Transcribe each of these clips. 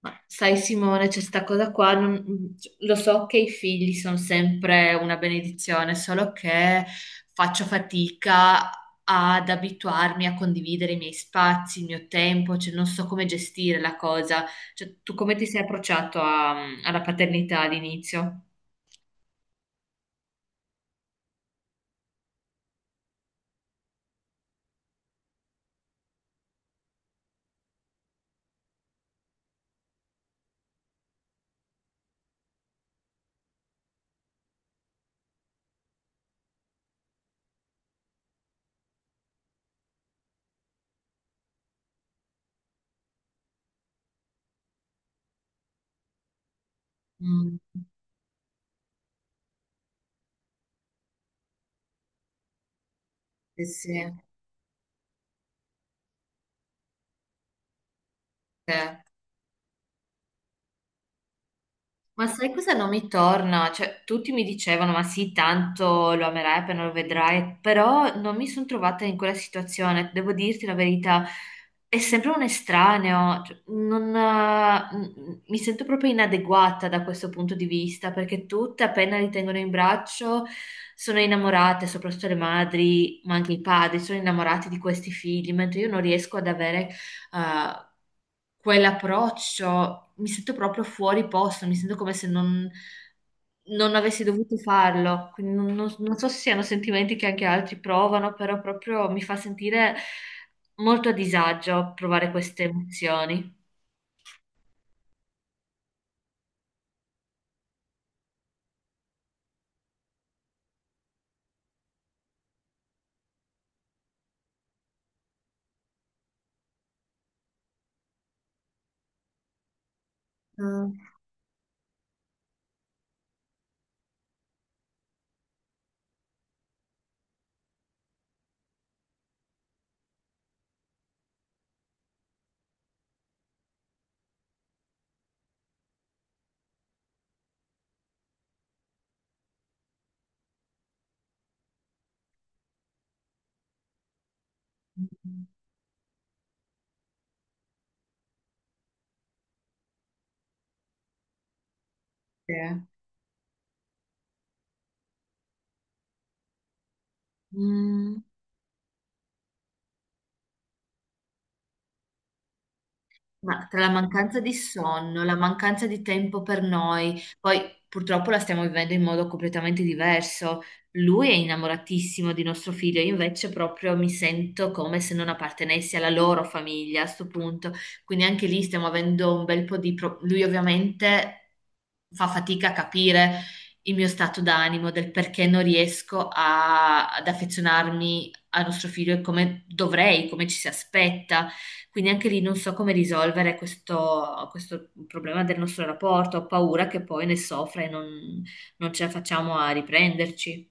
Ma sai Simone, c'è sta cosa qua, lo so che i figli sono sempre una benedizione, solo che faccio fatica ad abituarmi a condividere i miei spazi, il mio tempo, cioè non so come gestire la cosa. Cioè, tu come ti sei approcciato alla paternità all'inizio? Mm, sì, sì. Sì. Ma sai cosa non mi torna? Cioè, tutti mi dicevano, ma sì, tanto lo amerai appena lo vedrai, però non mi sono trovata in quella situazione, devo dirti la verità, è sempre un estraneo, cioè, non, mi sento proprio inadeguata da questo punto di vista, perché tutte appena li tengono in braccio sono innamorate, soprattutto le madri, ma anche i padri, sono innamorati di questi figli, mentre io non riesco ad avere eh, quell'approccio, mi sento proprio fuori posto, mi sento come se non, non avessi dovuto farlo. Quindi non so se siano sentimenti che anche altri provano, però proprio mi fa sentire molto a disagio provare queste emozioni. Mm. Sì. Mm. Ma tra la mancanza di sonno, la mancanza di tempo per noi, poi purtroppo la stiamo vivendo in modo completamente diverso. Lui è innamoratissimo di nostro figlio, io invece proprio mi sento come se non appartenessi alla loro famiglia a sto punto. Quindi anche lì stiamo avendo un bel po' di... pro- Lui ovviamente fa fatica a capire il mio stato d'animo, del perché non riesco ad affezionarmi a nostro figlio e come dovrei, come ci si aspetta. Quindi anche lì non so come risolvere questo problema del nostro rapporto, ho paura che poi ne soffra e non, non ce la facciamo a riprenderci.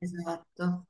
Esatto.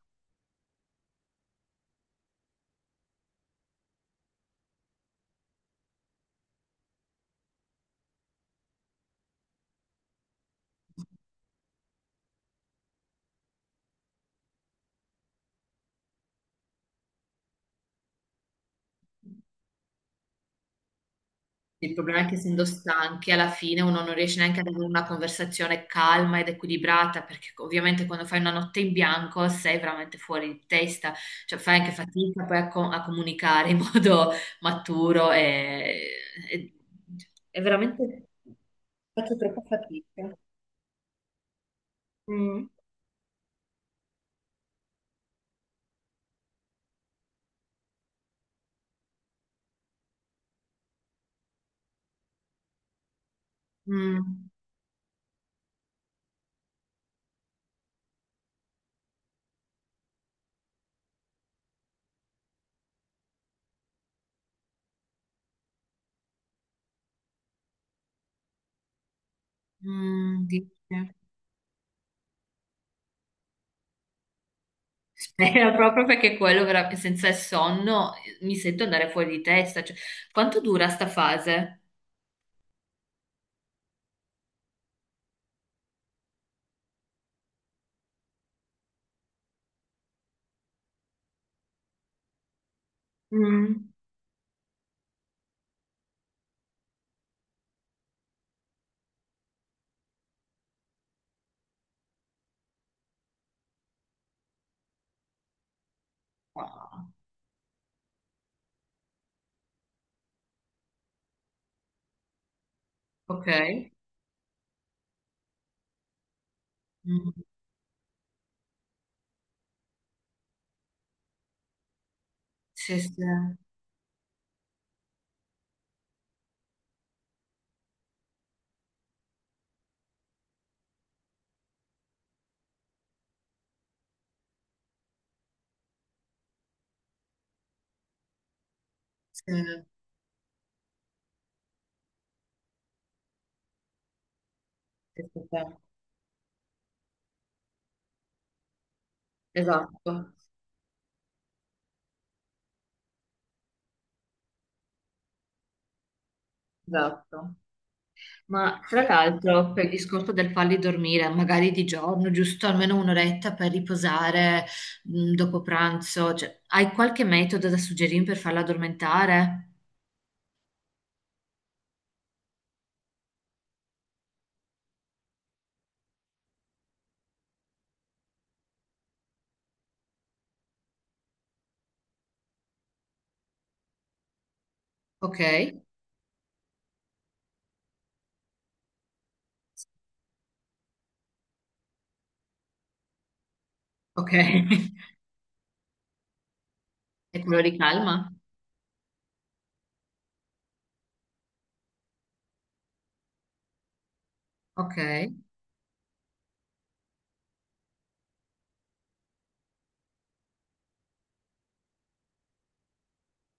Il problema è che essendo stanchi, alla fine uno non riesce neanche ad avere una conversazione calma ed equilibrata, perché ovviamente quando fai una notte in bianco sei veramente fuori di testa, cioè fai anche fatica poi a comunicare in modo maturo e- cioè, è veramente faccio troppa fatica. Mm. Mm, mm, dice. Spero proprio perché quello senza il sonno mi sento andare fuori di testa. Cioè, quanto dura sta fase? Mm. Ah, ok. Mm. Sì, sì, sì, sì, sì, sì. Esatto, esatto. Ma tra l'altro, per il discorso del farli dormire, magari di giorno, giusto almeno un'oretta per riposare mm, dopo pranzo, cioè, hai qualche metodo da suggerirmi per farla addormentare? Ok. Ok. E te lo ricalma? Ok.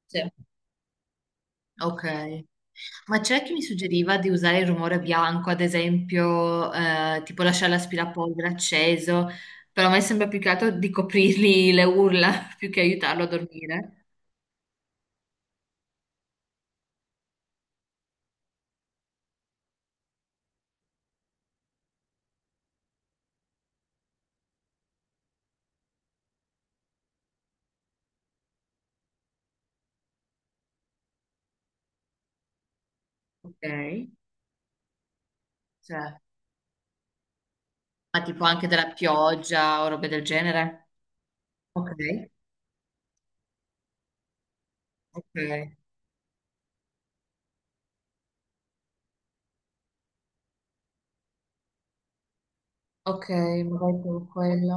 Sì. Ok, ma c'è chi mi suggeriva di usare il rumore bianco, ad esempio, tipo lasciare l'aspirapolvere acceso, però a me sembra più che altro di coprirgli le urla più che aiutarlo a dormire. Ok, cioè, ma tipo anche della pioggia o robe del genere. Ok, ok, ok, magari con quello.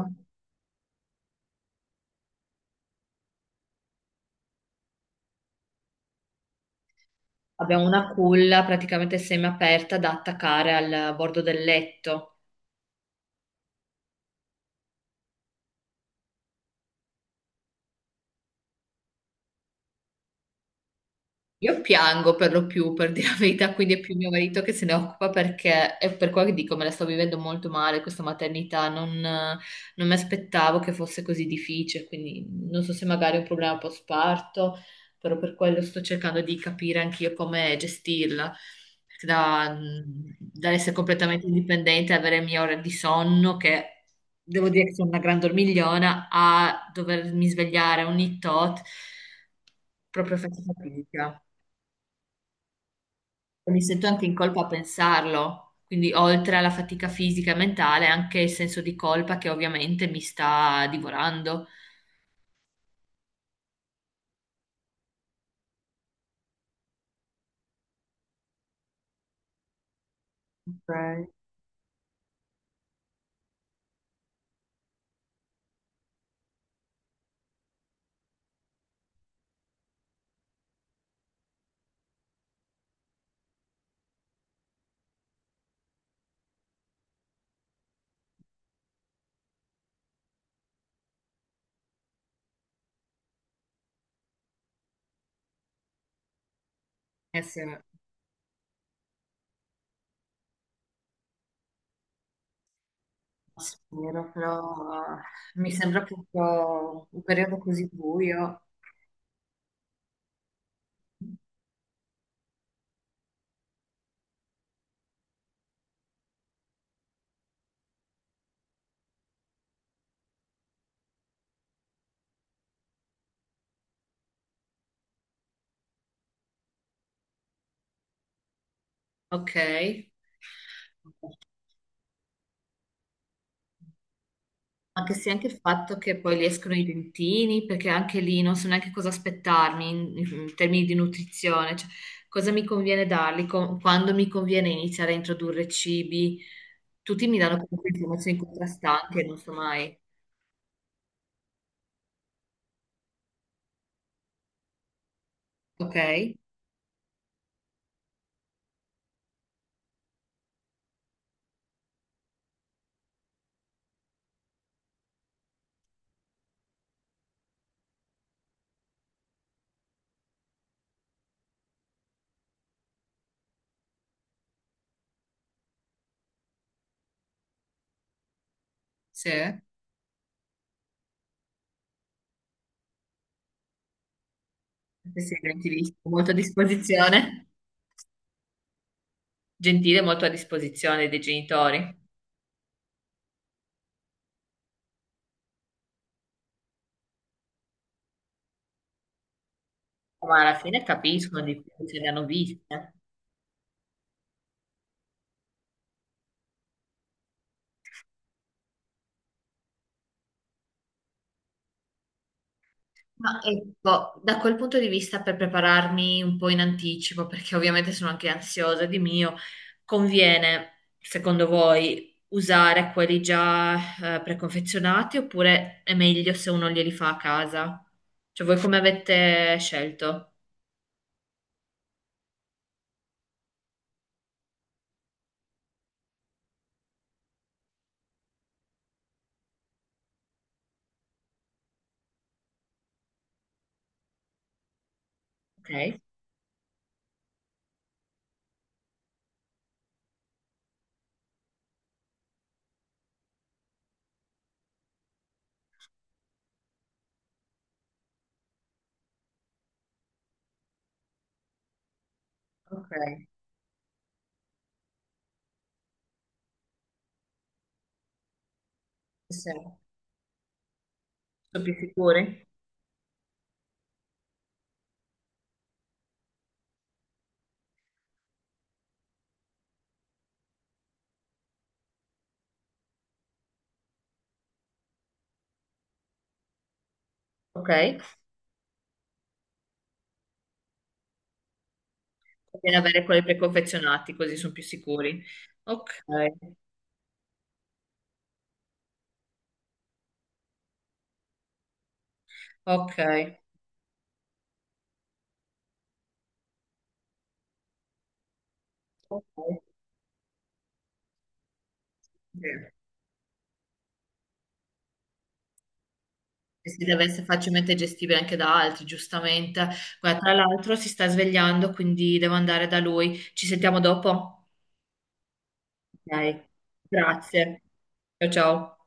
Abbiamo una culla praticamente semiaperta da attaccare al bordo del letto. Io piango per lo più, per dire la verità, quindi è più mio marito che se ne occupa perché è per quello che dico, me la sto vivendo molto male questa maternità, non, non mi aspettavo che fosse così difficile, quindi non so se magari è un problema post-parto, però per quello sto cercando di capire anch'io come gestirla, perché da, dall'essere completamente indipendente, avere le mie ore di sonno, che devo dire che sono una gran dormigliona, a dovermi svegliare ogni tot, proprio faccio fatica mi sento anche in colpa a pensarlo, quindi oltre alla fatica fisica e mentale, anche il senso di colpa che ovviamente mi sta divorando. Ok, eh sì, spero, però mi sembra proprio un periodo così buio. Ok. Anche se anche il fatto che poi gli escono i dentini, perché anche lì non so neanche cosa aspettarmi in termini di nutrizione, cioè, cosa mi conviene darli, quando mi conviene iniziare a introdurre cibi. Tutti mi danno comunque informazioni contrastanti e non so mai. Ok, sì. Se sei gentilissimo, molto a disposizione, gentile, molto a disposizione dei genitori. Ma alla fine capiscono di più, se ne hanno viste. Ma ecco, da quel punto di vista per prepararmi un po' in anticipo, perché ovviamente sono anche ansiosa di mio, conviene, secondo voi, usare quelli già preconfezionati oppure è meglio se uno glieli fa a casa? Cioè voi come avete scelto? Ok, ok, sì. Sono più sicuri? Ok, conviene avere quelli preconfezionati così sono più sicuri. Ok, ok, ok. Sì. E si deve essere facilmente gestibile anche da altri, giustamente. Guarda, tra l'altro si sta svegliando, quindi devo andare da lui. Ci sentiamo dopo? Ok, grazie. Ciao ciao.